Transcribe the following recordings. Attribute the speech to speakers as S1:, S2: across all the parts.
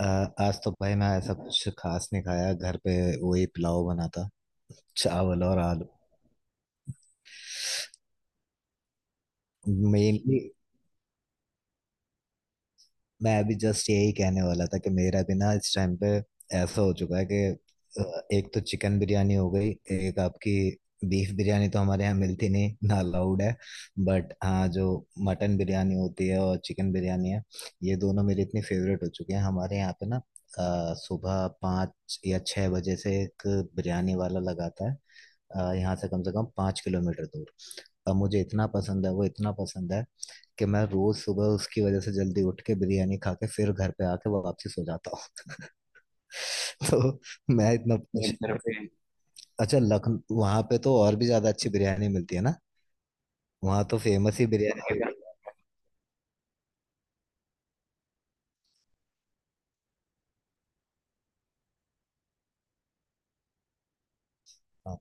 S1: अ, आज तो भाई मैं ऐसा कुछ खास नहीं खाया घर पे। वही पुलाव बना था। चावल और आलू। मेनली मैं अभी जस्ट यही कहने वाला था कि मेरा भी ना इस टाइम पे ऐसा हो चुका है कि एक तो चिकन बिरयानी हो गई एक आपकी बीफ बिरयानी तो हमारे यहाँ मिलती नहीं ना अलाउड है। बट हाँ जो मटन बिरयानी होती है और चिकन बिरयानी है। ये दोनों मेरी इतनी फेवरेट हो चुकी हैं हमारे यहाँ पे ना। सुबह 5 या 6 बजे से एक बिरयानी वाला लगाता है। यहाँ से कम 5 किलोमीटर दूर। और मुझे इतना पसंद है वो इतना पसंद है कि मैं रोज सुबह उसकी वजह से जल्दी उठ के बिरयानी खा के फिर घर पे आके वापसी सो जाता हूँ। तो मैं इतना इधर पे अच्छा लखनऊ वहां पे तो और भी ज्यादा अच्छी बिरयानी मिलती है ना। वहां तो फेमस ही बिरयानी है। हाँ।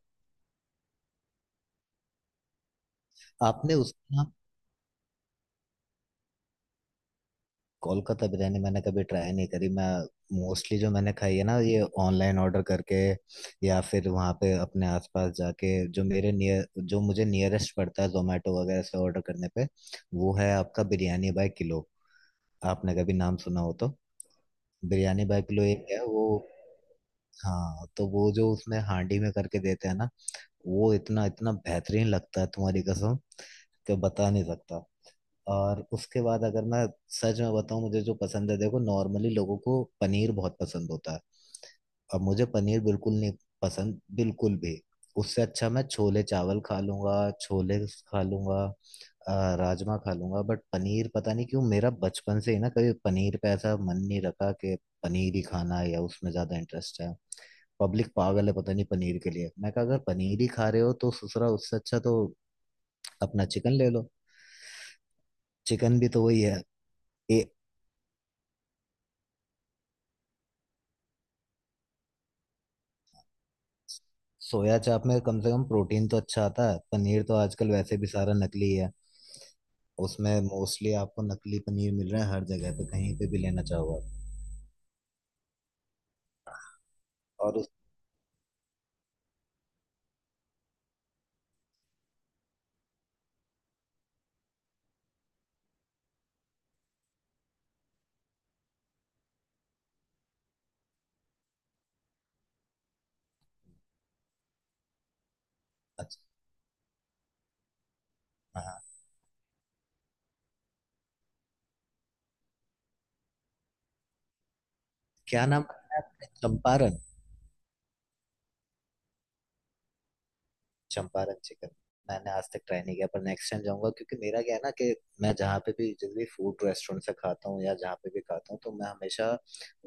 S1: आपने उसका कोलकाता बिरयानी मैंने कभी ट्राई नहीं करी। मैं मोस्टली जो मैंने खाई है ना ये ऑनलाइन ऑर्डर करके या फिर वहाँ पे अपने आसपास जाके जो मेरे नियर जो मुझे नियरेस्ट पड़ता है जोमेटो वगैरह से ऑर्डर करने पे वो है आपका बिरयानी बाय किलो। आपने कभी नाम सुना हो तो बिरयानी बाय किलो एक है वो। हाँ तो वो जो उसमें हांडी में करके देते हैं ना वो इतना इतना बेहतरीन लगता है तुम्हारी कसम कि बता नहीं सकता। और उसके बाद अगर मैं सच में बताऊं मुझे जो पसंद है देखो नॉर्मली लोगों को पनीर बहुत पसंद होता है। अब मुझे पनीर बिल्कुल नहीं पसंद बिल्कुल भी। उससे अच्छा मैं छोले चावल खा लूंगा छोले खा लूंगा। अ, राजमा खा लूंगा बट पनीर पता नहीं क्यों मेरा बचपन से ही ना कभी पनीर पे ऐसा मन नहीं रखा कि पनीर ही खाना है या उसमें ज्यादा इंटरेस्ट है। पब्लिक पागल है पता नहीं पनीर के लिए मैं कहा अगर पनीर ही खा रहे हो तो ससुरा उससे अच्छा तो अपना चिकन ले लो। चिकन भी तो वही है। ए, सोया चाप में कम से कम प्रोटीन तो अच्छा आता है पनीर तो आजकल वैसे भी सारा नकली है। उसमें मोस्टली आपको नकली पनीर मिल रहा है हर जगह पे कहीं पे भी लेना चाहो आप। और उस अच्छा। हाँ। क्या नाम है आपने? चंपारण चंपारण चिकन। मैंने आज तक ट्राई नहीं किया पर नेक्स्ट टाइम जाऊंगा क्योंकि मेरा क्या है ना कि मैं जहाँ पे भी जिस भी फूड रेस्टोरेंट से खाता हूँ या जहाँ पे भी खाता हूँ तो मैं हमेशा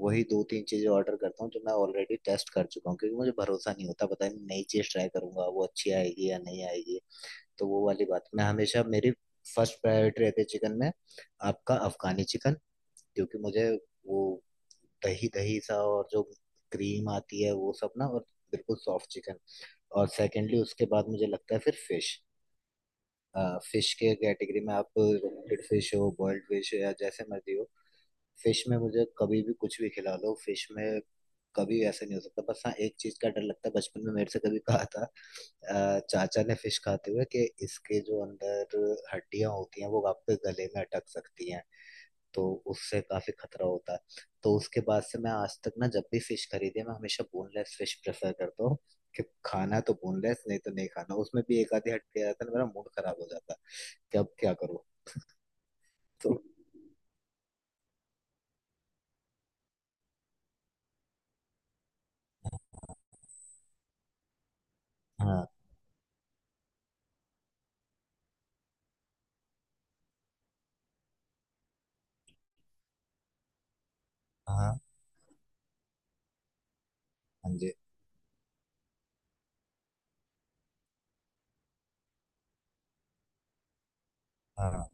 S1: वही दो तीन चीजें ऑर्डर करता हूँ जो मैं ऑलरेडी टेस्ट कर चुका हूँ क्योंकि मुझे भरोसा नहीं होता पता नहीं नई चीज ट्राई करूंगा वो अच्छी आएगी या नहीं आएगी। तो वो वाली बात मैं हमेशा मेरी फर्स्ट प्रायोरिटी रहती है चिकन में आपका अफगानी चिकन क्योंकि मुझे वो दही दही सा और जो क्रीम आती है वो सब ना और बिल्कुल सॉफ्ट चिकन। और सेकेंडली उसके बाद मुझे लगता है फिर फिश। फिश के कैटेगरी में आप रोस्टेड फिश हो बॉइल्ड फिश या जैसे मर्जी हो फिश में मुझे कभी भी कुछ भी खिला लो फिश में कभी ऐसा नहीं हो सकता बस हाँ एक चीज का डर लगता है बचपन में मेरे से कभी कहा था चाचा ने फिश खाते हुए कि इसके जो अंदर हड्डियां होती हैं वो आपके गले में अटक सकती हैं। तो उससे काफी खतरा होता है। तो उसके बाद से मैं आज तक ना जब भी फिश खरीदे मैं हमेशा बोनलेस फिश प्रेफर करता हूँ कि खाना तो बोनलेस नहीं तो नहीं खाना उसमें भी एक आधी हड्डी आ जाता है मेरा मूड खराब हो जाता है कि अब क्या करूँ। तो हाँ, हाँ, हाँ जी, हाँ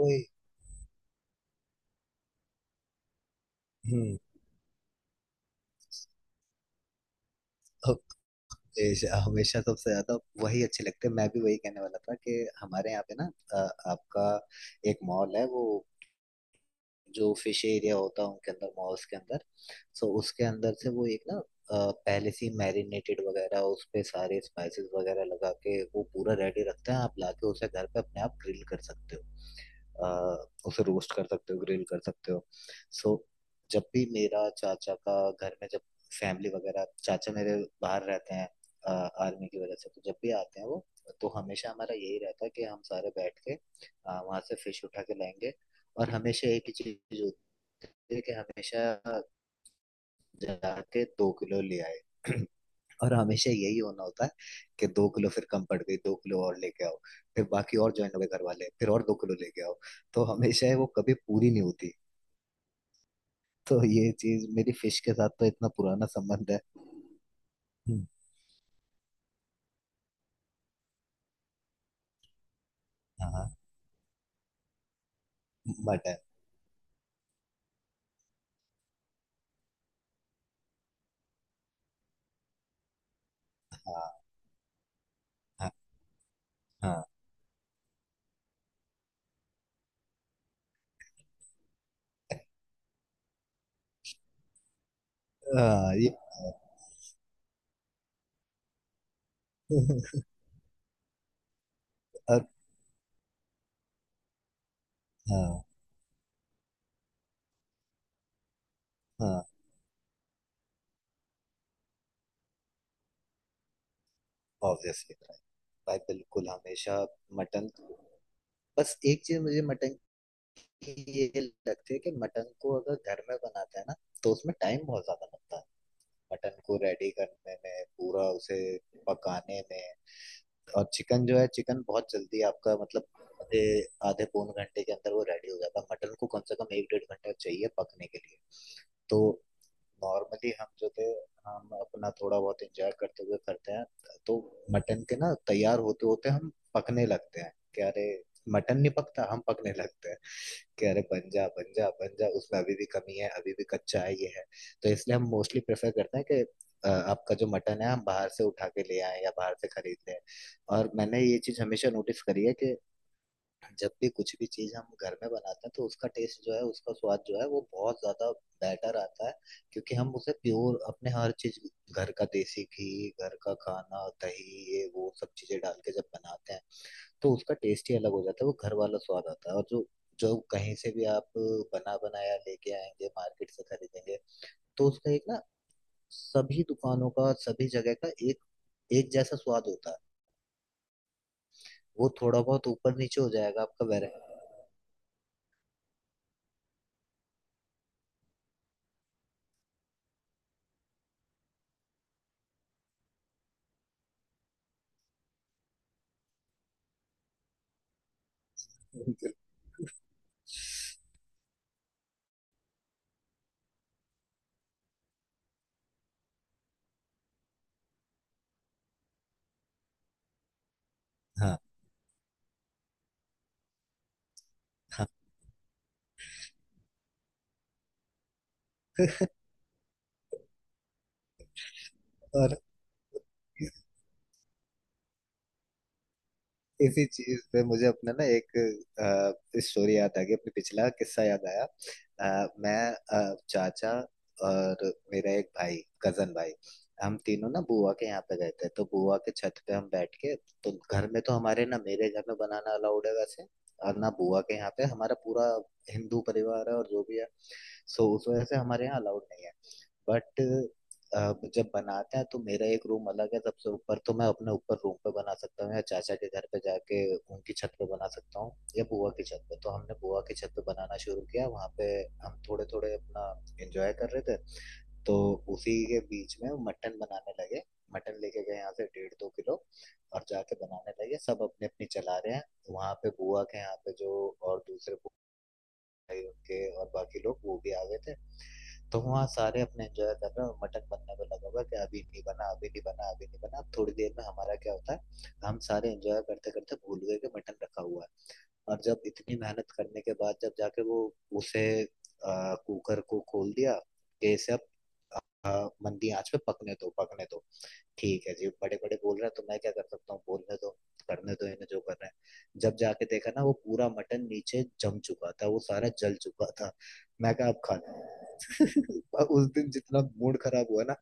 S1: वही। हम्म। देश हमेशा सबसे ज्यादा वही अच्छे लगते हैं मैं भी वही कहने वाला था कि हमारे यहाँ पे ना आपका एक मॉल है वो जो फिश एरिया होता है उनके अंदर मॉल्स के अंदर। सो उसके अंदर से वो एक ना पहले से मैरिनेटेड वगैरह उस पे सारे स्पाइसेस वगैरह लगा के वो पूरा रेडी रखते हैं आप लाके उसे घर पे अपने आप ग्रिल कर सकते हो। अ, उसे रोस्ट कर सकते हो ग्रिल कर सकते हो। सो जब भी मेरा चाचा का घर में जब फैमिली वगैरह चाचा मेरे बाहर रहते हैं आर्मी की वजह से तो जब भी आते हैं वो तो हमेशा हमारा यही रहता है कि हम सारे बैठ के वहां से फिश उठा के लाएंगे। और हमेशा एक ही चीज होती है कि हमेशा जाके 2 किलो ले आए और हमेशा यही होना होता है कि 2 किलो फिर कम पड़ गई 2 किलो और लेके आओ फिर बाकी और ज्वाइन हो गए घर वाले फिर और 2 किलो लेके आओ। तो हमेशा है वो कभी पूरी नहीं होती। तो ये चीज मेरी फिश के साथ तो इतना पुराना संबंध है। हम्म, हाँ। मटन। हाँ, हाँ, हाँ, हाँ, ये। और हाँ, हाँ। ऑब्वियसली। भाई बिल्कुल हमेशा मटन। बस एक चीज मुझे मटन की ये लगती है कि मटन को अगर घर में बनाते हैं ना तो उसमें टाइम बहुत ज्यादा लगता है। मटन को रेडी करने में पूरा उसे पकाने में और चिकन जो है चिकन बहुत जल्दी आपका मतलब आधे आधे पौन घंटे के अंदर वो रेडी हो जाता है। मटन को कम से कम 1 डेढ़ घंटा चाहिए पकने के लिए। तो नॉर्मली हम जो थे हम अपना थोड़ा बहुत एंजॉय करते हुए करते हैं। तो मटन के ना तैयार होते होते हम पकने लगते हैं कि अरे मटन नहीं पकता हम पकने लगते हैं कि अरे बन जा बन जा बन जा उसमें अभी भी कमी है अभी भी कच्चा है ये है। तो इसलिए हम मोस्टली प्रेफर करते हैं कि आपका जो मटन है हम बाहर से उठा के ले आए या बाहर से खरीद लें। और मैंने ये चीज हमेशा नोटिस करी है कि जब भी कुछ भी चीज़ हम घर में बनाते हैं तो उसका टेस्ट जो है उसका स्वाद जो है वो बहुत ज़्यादा बेटर आता है क्योंकि हम उसे प्योर अपने हर चीज़ घर का देसी घी घर का खाना दही ये वो सब चीज़ें डाल के जब बनाते हैं तो उसका टेस्ट ही अलग हो जाता है वो घर वाला स्वाद आता है। और जो जो कहीं से भी आप बना बनाया लेके आएंगे मार्केट से खरीदेंगे तो उसका एक ना सभी दुकानों का सभी जगह का एक एक जैसा स्वाद होता है। वो थोड़ा बहुत ऊपर नीचे हो जाएगा आपका वेरा। हाँ, हाँ। और इसी चीज पे मुझे अपना ना एक स्टोरी याद आ गई अपने पिछला किस्सा याद आया। मैं चाचा और मेरा एक भाई कजन भाई हम तीनों ना बुआ के यहाँ पे गए थे तो बुआ के छत पे हम बैठ के तो घर में तो हमारे ना मेरे घर में बनाना अलाउड है वैसे। और ना बुआ के यहाँ पे हमारा पूरा हिंदू परिवार है और जो भी है। सो उस वजह से हमारे यहाँ अलाउड नहीं है बट अ, जब बनाते हैं तो मेरा एक रूम अलग है सबसे ऊपर तो मैं अपने ऊपर रूम पे बना सकता हूँ या चाचा के घर पे जाके उनकी छत पे बना सकता हूँ या बुआ की छत पे। तो हमने बुआ की छत पे बनाना शुरू किया वहाँ पे हम थोड़े थोड़े अपना एंजॉय कर रहे थे। तो उसी के बीच में मटन बनाने लगे। मटन लेके गए यहाँ से डेढ़ 2 किलो और जाके बनाने लगे सब अपने अपनी चला रहे हैं वहां पे बुआ के यहाँ पे जो और दूसरे भाई उनके और बाकी लोग वो भी आ गए थे। तो वहाँ सारे अपने एंजॉय कर रहे हैं और मटन बनने में लगा हुआ है कि अभी नहीं बना अभी नहीं बना अभी नहीं बना। अब थोड़ी देर में हमारा क्या होता है हम सारे एंजॉय करते करते भूल गए कि मटन रखा हुआ है। और जब इतनी मेहनत करने के बाद जब जाके वो उसे कुकर को खोल दिया कि इसे अब आ, मंदी आंच पे पकने दो पकने दो। ठीक है जी बड़े बड़े बोल रहा है तो मैं क्या कर सकता हूँ बोलने दो करने दो इन्हें जो कर रहे हैं। जब जाके देखा ना वो पूरा मटन नीचे जम चुका था वो सारा जल चुका था। मैं कहा अब खा लो। उस दिन जितना मूड खराब हुआ ना।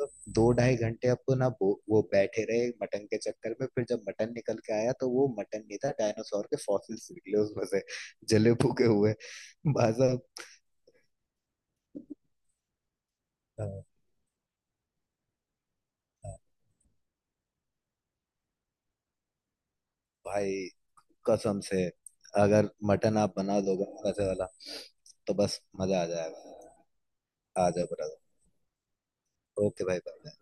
S1: तो 2 ढाई घंटे अब तो ना वो बैठे रहे मटन के चक्कर में फिर जब मटन निकल के आया तो वो मटन नहीं था डायनासोर के फॉसिल्स निकले उसमें से जले फूके हुए। भाई साहब, अ, अ, भाई कसम से अगर मटन आप बना दोगे ना वैसे वाला तो बस मजा आ जाएगा। आ जाओ ब्रदर। ओके भाई बाय।